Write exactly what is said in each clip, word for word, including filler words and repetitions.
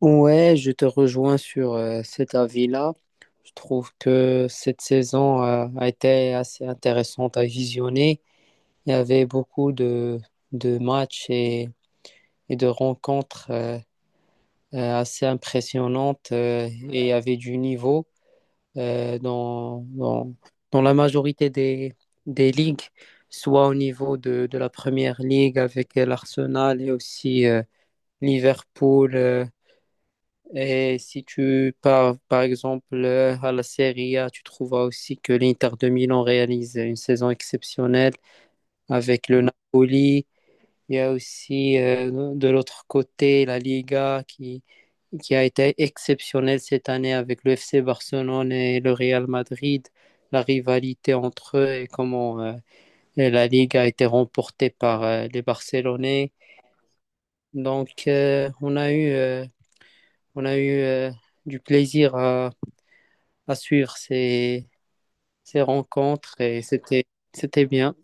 Ouais, je te rejoins sur euh, cet avis-là. Je trouve que cette saison euh, a été assez intéressante à visionner. Il y avait beaucoup de, de matchs et, et de rencontres euh, euh, assez impressionnantes euh, et il y avait du niveau euh, dans, dans, dans la majorité des, des ligues, soit au niveau de, de la première ligue avec euh, l'Arsenal et aussi euh, Liverpool. euh, Et si tu pars, par exemple, euh, à la Serie A, tu trouveras aussi que l'Inter de Milan réalise une saison exceptionnelle avec le Napoli. Il y a aussi, euh, de l'autre côté, la Liga qui, qui a été exceptionnelle cette année avec le F C Barcelone et le Real Madrid. La rivalité entre eux et comment, euh, et la Liga a été remportée par, euh, les Barcelonais. Donc, euh, on a eu, euh, on a eu, euh, du plaisir à à suivre ces, ces rencontres et c'était, c'était bien.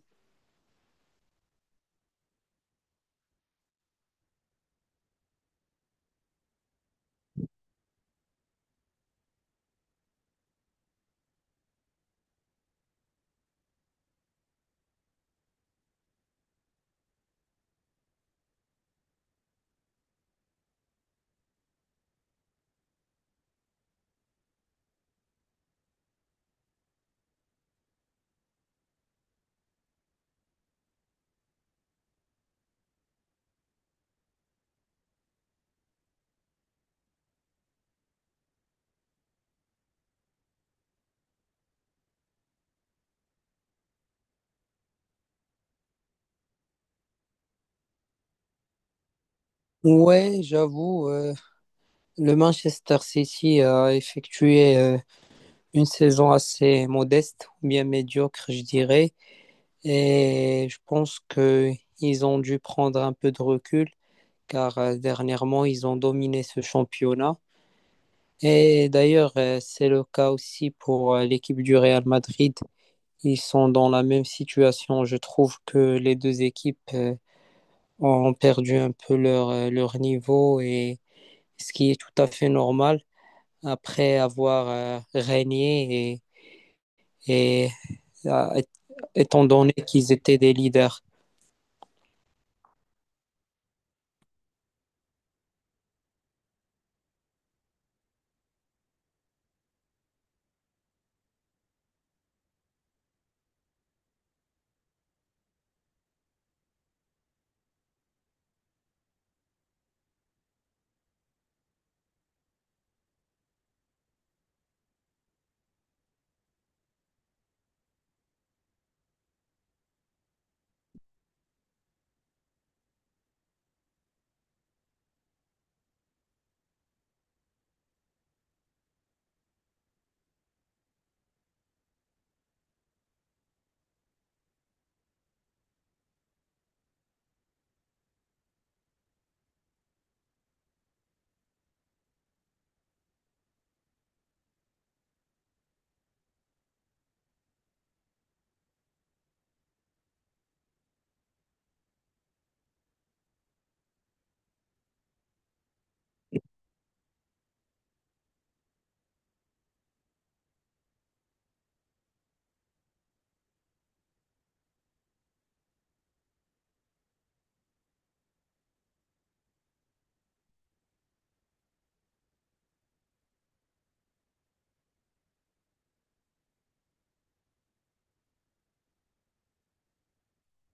Ouais, j'avoue, euh, le Manchester City a effectué euh, une saison assez modeste, ou bien médiocre, je dirais. Et je pense que ils ont dû prendre un peu de recul, car euh, dernièrement, ils ont dominé ce championnat. Et d'ailleurs, euh, c'est le cas aussi pour euh, l'équipe du Real Madrid. Ils sont dans la même situation. Je trouve que les deux équipes euh, ont perdu un peu leur, euh, leur niveau et ce qui est tout à fait normal après avoir euh, régné et, et euh, étant donné qu'ils étaient des leaders.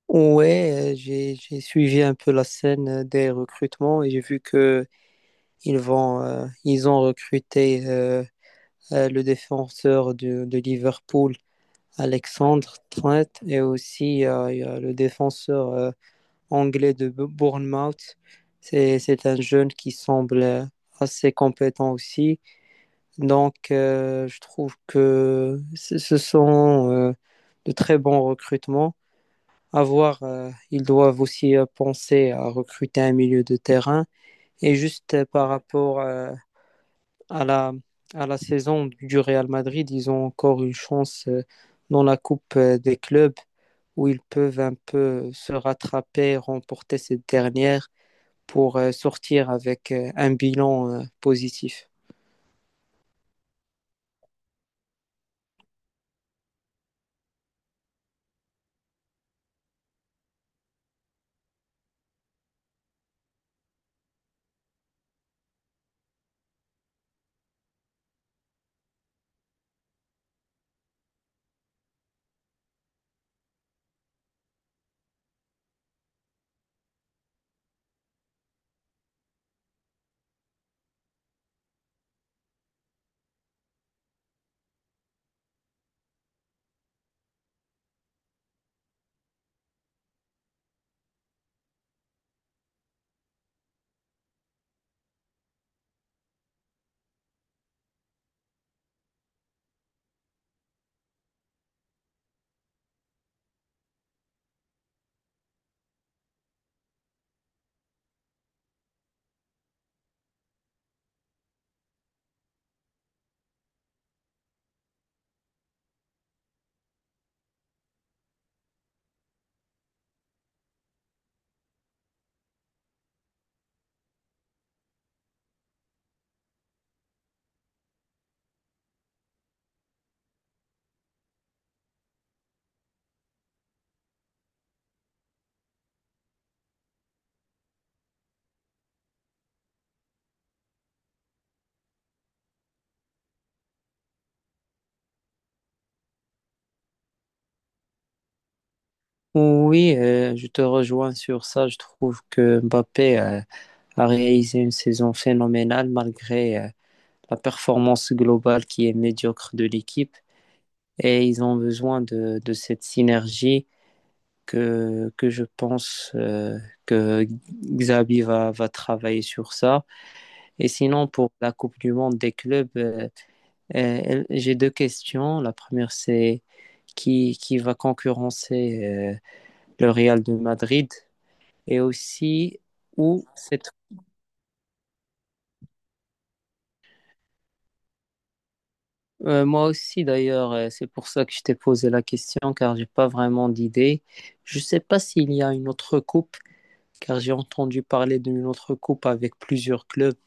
Ouais, euh, j'ai j'ai suivi un peu la scène euh, des recrutements et j'ai vu que ils vont euh, ils ont recruté euh, euh, le défenseur de, de Liverpool Alexandre Trent et aussi euh, il y a le défenseur euh, anglais de B- Bournemouth. C'est, c'est un jeune qui semble euh, assez compétent aussi. Donc, euh, je trouve que ce ce sont euh, de très bons recrutements. À voir, euh, ils doivent aussi euh, penser à recruter un milieu de terrain. Et juste euh, par rapport euh, à la, à la saison du Real Madrid, ils ont encore une chance euh, dans la Coupe euh, des clubs où ils peuvent un peu euh, se rattraper, remporter cette dernière pour euh, sortir avec euh, un bilan euh, positif. Oui, euh, je te rejoins sur ça. Je trouve que Mbappé euh, a réalisé une saison phénoménale malgré euh, la performance globale qui est médiocre de l'équipe. Et ils ont besoin de, de cette synergie. que, que je pense euh, que Xabi va, va travailler sur ça. Et sinon, pour la Coupe du Monde des clubs, euh, euh, j'ai deux questions. La première, c'est qui, qui va concurrencer euh, le Real de Madrid et aussi où cette... Euh, moi aussi, d'ailleurs, euh, c'est pour ça que je t'ai posé la question, car j'ai pas vraiment d'idée. Je sais pas s'il y a une autre coupe, car j'ai entendu parler d'une autre coupe avec plusieurs clubs.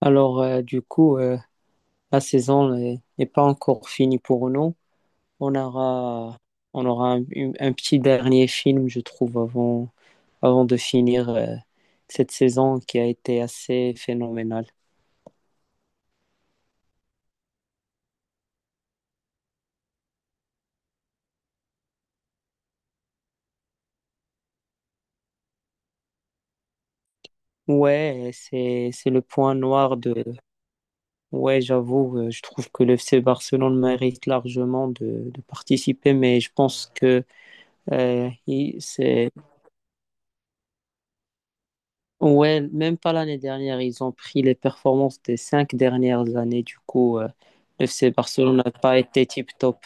Alors, euh, du coup, euh, la saison euh, n'est pas encore finie pour nous. On aura, on aura un, une- un petit dernier film, je trouve, avant, avant de finir euh, cette saison qui a été assez phénoménale. Ouais, c'est, c'est le point noir de... Ouais, j'avoue, euh, je trouve que le F C Barcelone mérite largement de, de participer, mais je pense que euh, il- c'est Ouais, même pas l'année dernière, ils ont pris les performances des cinq dernières années. Du coup, euh, le F C Barcelone n'a pas été tip-top.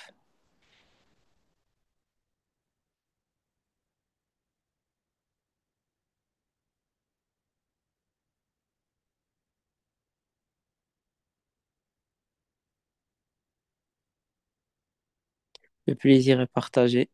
Le plaisir est partagé.